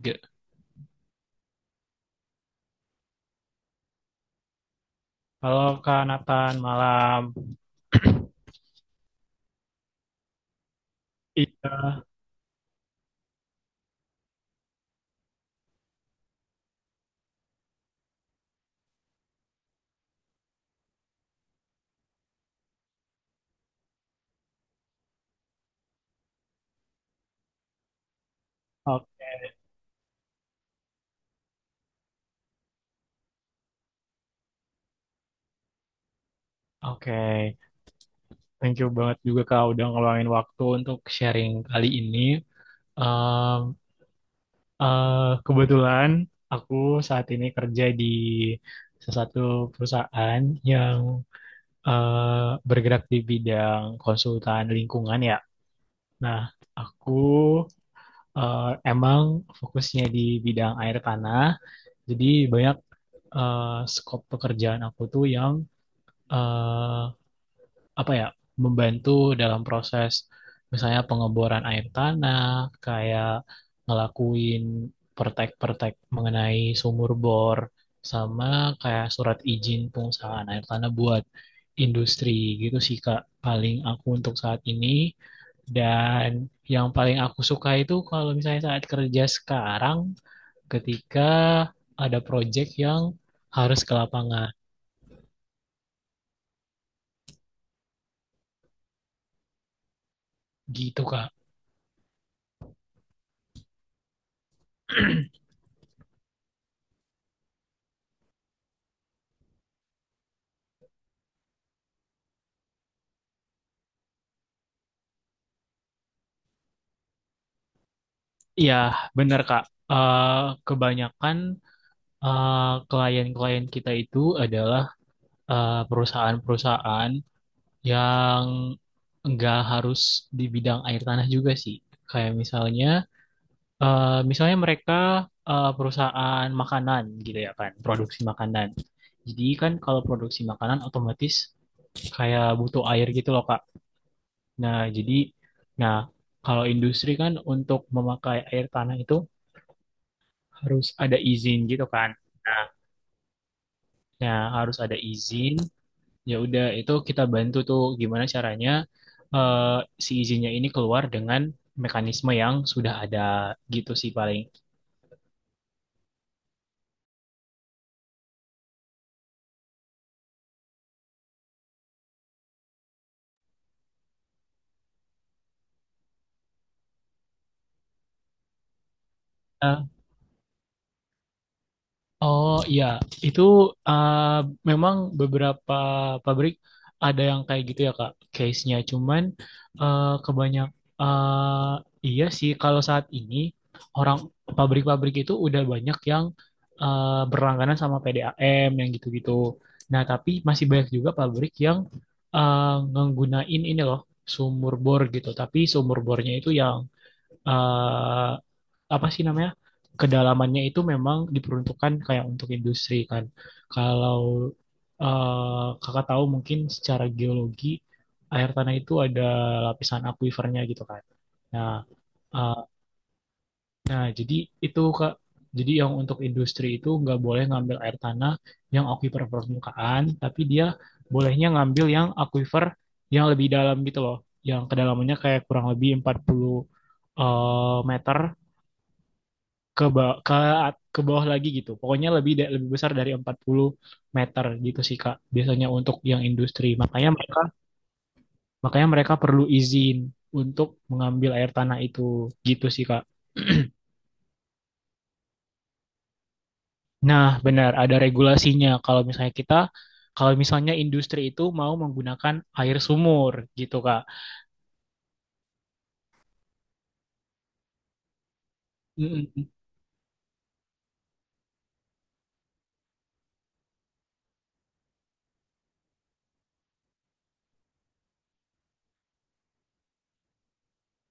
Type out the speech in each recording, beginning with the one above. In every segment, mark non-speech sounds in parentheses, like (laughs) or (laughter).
Oke. Halo Kak Nathan, malam. (clears throat) Iya, oke. Oke. Thank you banget juga Kak udah ngeluangin waktu untuk sharing kali ini. Em, eh, kebetulan aku saat ini kerja di salah satu perusahaan yang bergerak di bidang konsultan lingkungan ya. Nah, aku eh, emang fokusnya di bidang air tanah, jadi banyak eh, skop pekerjaan aku tuh yang eh, apa ya membantu dalam proses misalnya pengeboran air tanah, kayak ngelakuin pertek-pertek mengenai sumur bor, sama kayak surat izin pengusahaan air tanah buat industri gitu sih Kak paling aku untuk saat ini, dan yang paling aku suka itu kalau misalnya saat kerja sekarang ketika ada project yang harus ke lapangan. Gitu, Kak. Iya, benar, Kak. Eh, kebanyakan klien-klien kita itu adalah perusahaan-perusahaan yang nggak harus di bidang air tanah juga sih. Kayak misalnya mereka perusahaan makanan gitu ya kan, produksi makanan. Jadi kan kalau produksi makanan otomatis kayak butuh air gitu loh, Kak. Nah, jadi, nah kalau industri kan untuk memakai air tanah itu harus ada izin gitu kan. Nah, ya harus ada izin. Ya udah, itu kita bantu tuh gimana caranya eh, si izinnya ini keluar dengan mekanisme yang sudah ada gitu sih paling. Eh, Oh iya, itu uh, memang beberapa pabrik ada yang kayak gitu ya Kak, case-nya. Cuman kebanyak uh, iya sih kalau saat ini orang pabrik-pabrik itu udah banyak yang berlangganan sama PDAM yang gitu-gitu. Nah, tapi masih banyak juga pabrik yang ngenggunain ini loh, sumur bor gitu. Tapi sumur bornya itu yang eh, apa sih namanya, kedalamannya itu memang diperuntukkan kayak untuk industri kan. Kalau kakak tahu mungkin, secara geologi air tanah itu ada lapisan akuifernya gitu kan. Nah, eh, nah, jadi itu Kak, jadi yang untuk industri itu nggak boleh ngambil air tanah yang akuifer permukaan, tapi dia bolehnya ngambil yang akuifer yang lebih dalam gitu loh, yang kedalamannya kayak kurang lebih 40 meter ke ba- ke bawah lagi gitu. Pokoknya lebih besar dari 40 meter gitu sih Kak. Biasanya untuk yang industri. Makanya mereka perlu izin untuk mengambil air tanah itu gitu sih Kak. (clears throat) Nah, benar ada regulasinya kalau misalnya industri itu mau menggunakan air sumur gitu Kak. Mm-mm.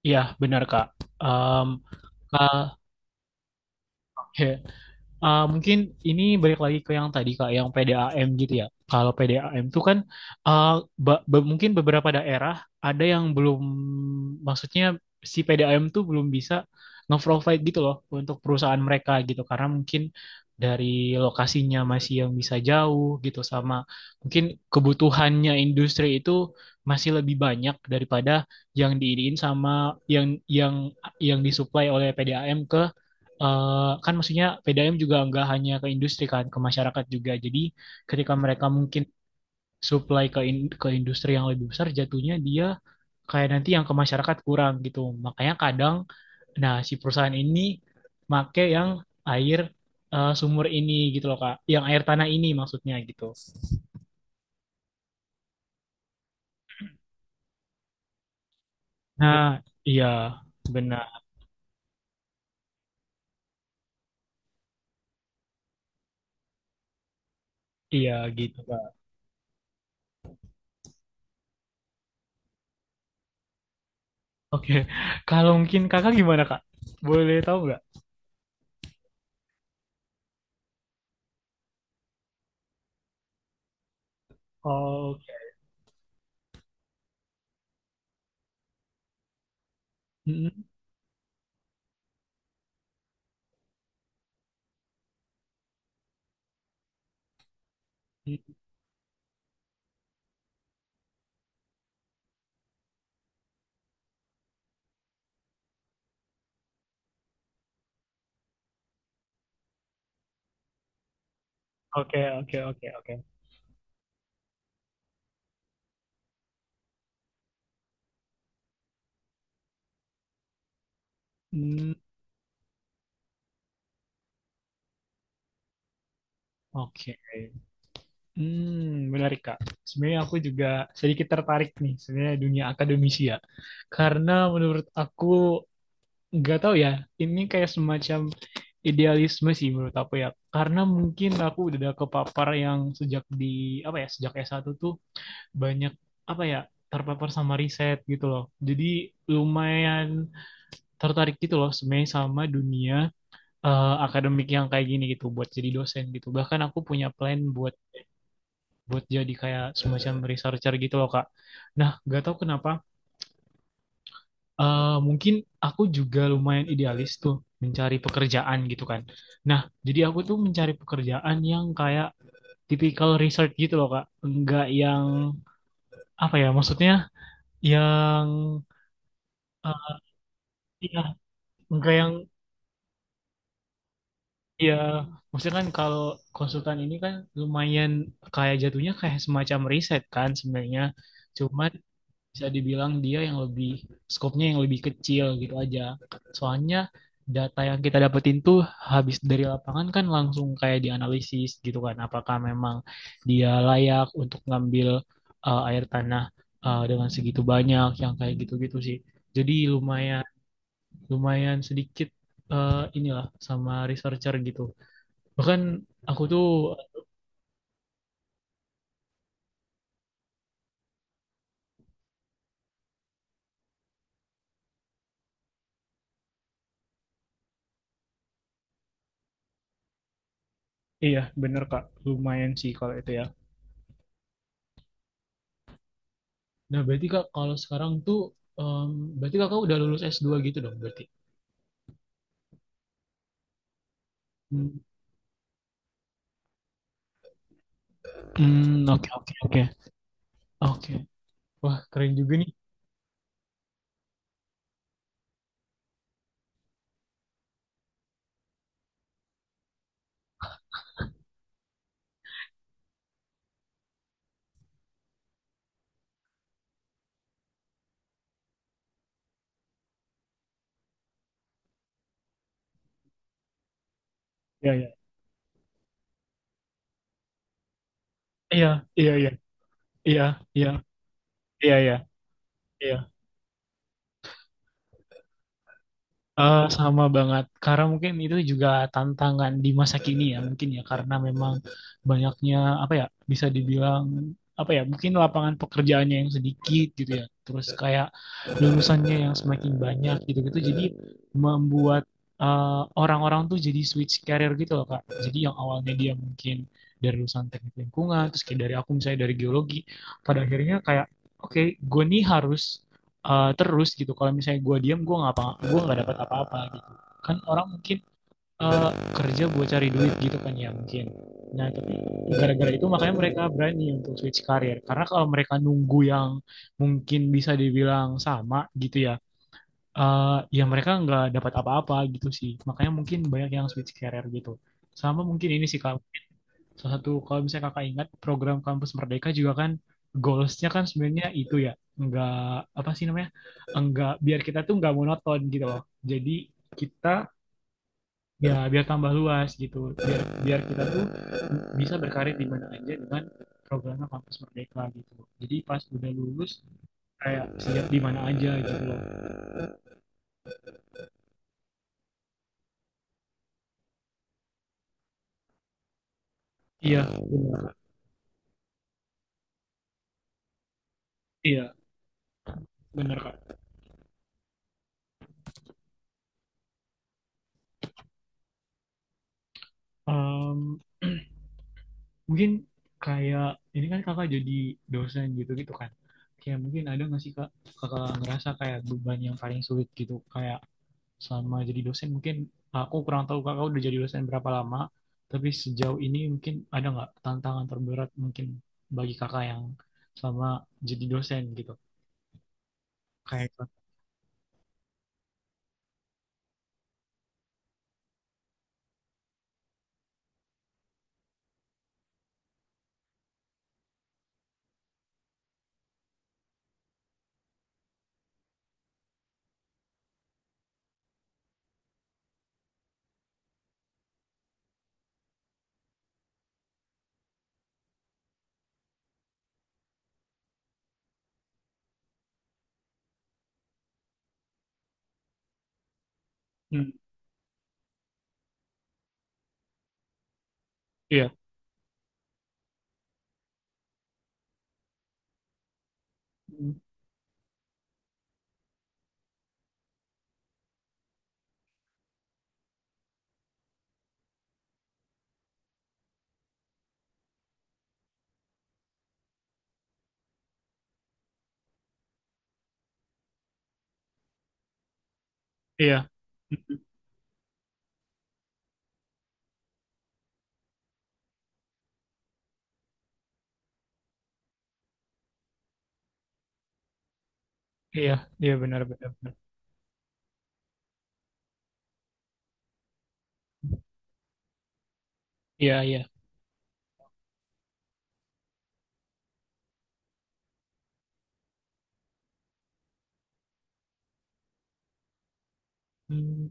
Iya, benar Kak. Em, Kak, ya. Ah, mungkin ini balik lagi ke yang tadi Kak, yang PDAM gitu ya. Kalau PDAM tuh kan, ah, mungkin beberapa daerah ada yang belum, maksudnya si PDAM tuh belum bisa nge-provide gitu loh untuk perusahaan mereka gitu. Karena mungkin dari lokasinya masih yang bisa jauh gitu, sama mungkin kebutuhannya industri itu masih lebih banyak daripada yang diiriin sama yang yang disuplai oleh PDAM ke eh, kan maksudnya PDAM juga nggak hanya ke industri kan, ke masyarakat juga. Jadi ketika mereka mungkin supply ke industri yang lebih besar, jatuhnya dia kayak nanti yang ke masyarakat kurang gitu. Makanya kadang, nah si perusahaan ini make yang air sumur ini gitu loh Kak, yang air tanah ini maksudnya gitu. Nah, iya benar, iya gitu Kak. Oke, kalau mungkin Kakak gimana Kak? Boleh tahu nggak? Oh, oke. Mm, mm. Oke, oke, oke. Oke. Hmm, oke. Hmm, menarik Kak. Sebenarnya aku juga sedikit tertarik nih, sebenarnya dunia akademisi ya. Karena menurut aku, nggak tahu ya, ini kayak semacam idealisme sih menurut aku ya. Karena mungkin aku udah ada kepapar yang sejak di apa ya, sejak s satu tuh banyak apa ya, terpapar sama riset gitu loh. Jadi lumayan tertarik gitu loh sebenarnya sama dunia akademik yang kayak gini gitu buat jadi dosen gitu. Bahkan aku punya plan buat buat jadi kayak semacam researcher gitu loh Kak. Nah, gak tahu kenapa, mungkin aku juga lumayan idealis tuh mencari pekerjaan gitu kan. Nah, jadi aku tuh mencari pekerjaan yang kayak typical research gitu loh Kak. Enggak yang, apa ya, maksudnya yang, eh, iya, enggak yang, iya maksudnya kan kalau konsultan ini kan lumayan kayak jatuhnya kayak semacam riset kan sebenarnya. Cuman bisa dibilang dia yang lebih skopnya yang lebih kecil gitu aja. Soalnya data yang kita dapetin tuh habis dari lapangan kan langsung kayak dianalisis gitu kan. Apakah memang dia layak untuk ngambil air tanah dengan segitu banyak yang kayak gitu-gitu sih. Jadi lumayan lumayan sedikit inilah sama researcher gitu. Bahkan aku tuh, iya bener Kak, lumayan sih kalau itu ya. Nah, berarti Kak, kalau sekarang tuh, em, berarti Kakak udah lulus s dua gitu dong, berarti. Hmm, hmm, oke, oke, oke. Oke. Wah, keren juga nih. Iya, iya. Iya, iya, iya. Iya, iya. Iya, iya. Iya. Sama banget. Karena mungkin itu juga tantangan di masa kini ya mungkin ya, karena memang banyaknya apa ya, bisa dibilang apa ya, mungkin lapangan pekerjaannya yang sedikit gitu ya. Terus kayak lulusannya yang semakin banyak gitu-gitu. Jadi membuat orang-orang tuh jadi switch career gitu loh Kak. Jadi yang awalnya dia mungkin dari lulusan teknik lingkungan, terus kayak dari aku misalnya dari geologi, pada akhirnya kayak oke gue nih harus terus gitu. Kalau misalnya gue diam, gue nggak apa, gue nggak dapat apa-apa gitu. Kan orang mungkin eh, kerja buat cari duit gitu kan ya mungkin. Nah tapi gara-gara itu makanya mereka berani untuk switch karir. Karena kalau mereka nunggu yang mungkin bisa dibilang sama gitu ya, ya mereka nggak dapat apa-apa gitu sih. Makanya mungkin banyak yang switch karir gitu. Sama mungkin ini sih Kak, salah satu, kalau misalnya kakak ingat program Kampus Merdeka juga kan, goalsnya kan sebenarnya itu ya, enggak apa sih namanya, enggak biar kita tuh enggak monoton gitu loh, jadi kita ya biar tambah luas gitu, biar biar kita tuh bisa berkarir di mana aja dengan programnya Kampus Merdeka gitu, jadi pas udah lulus kayak siap di mana aja gitu loh. Iya benar, iya benar Kak. Em, (clears throat) Mungkin kayak ini kan, kakak jadi dosen gitu gitu kan, kayak mungkin ada nggak sih Kak, kakak ngerasa kayak beban yang paling sulit gitu, kayak selama jadi dosen. Mungkin aku kurang tahu kakak udah jadi dosen berapa lama, tapi sejauh ini mungkin ada nggak tantangan terberat mungkin bagi kakak yang selama jadi dosen gitu kayak. Hmm, iya. Hmm, iya. Hmm, iya, iya, benar, benar, benar. Iya, iya. Hmm,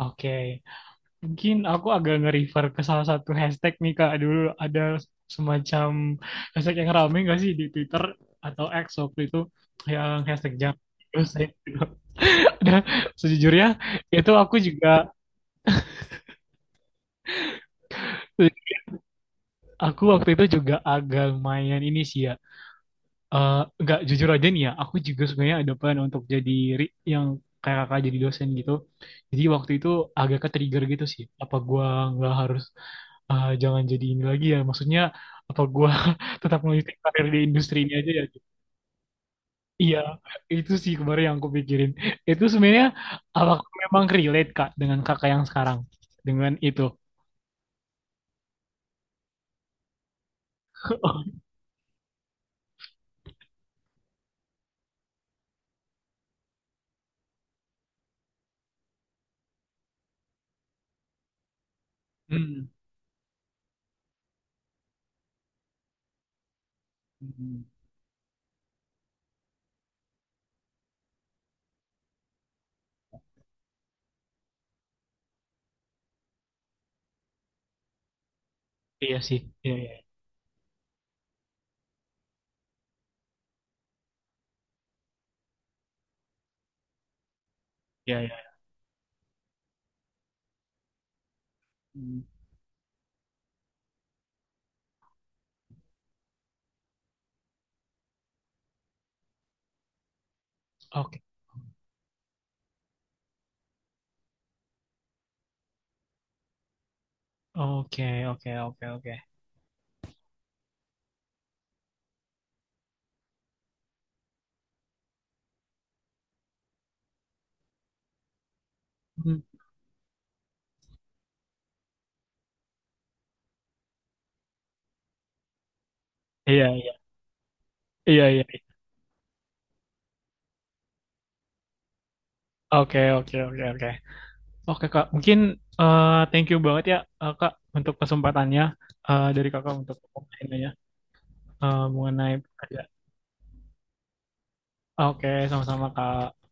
oke. Mungkin aku agak nge-refer ke salah satu hashtag nih Kak. Dulu ada semacam hashtag yang rame gak sih di Twitter atau X waktu itu, yang hashtag jam. Terus saya juga- (laughs) Dan sejujurnya itu aku juga, aku waktu itu juga agak lumayan ini sih ya. Eh, nggak, jujur aja nih ya, aku juga sebenarnya ada plan untuk jadi yang kayak kakak jadi dosen gitu. Jadi waktu itu agak ke trigger gitu sih. Apa gua nggak harus, jangan jadi ini lagi ya. Maksudnya apa gua (laughs) tetap melanjutkan karir di industri ini aja ya? Iya, itu sih kemarin yang aku pikirin. Itu sebenarnya apakah memang relate Kak dengan kakak yang sekarang? Dengan itu. (laughs) Hmm. Hmm. Iya sih. Iya, iya. Iya, iya. Hmm. Oke. Oke, oke, oke, oke. Hmm. Iya, iya. Iya, iya. Oke, oke, oke, oke. Oke, Kak. Mungkin thank you banget ya, Kak, untuk kesempatannya, dari Kakak untuk ngobrolnya. eh, mengenai pekerja- Oke, sama-sama Kak.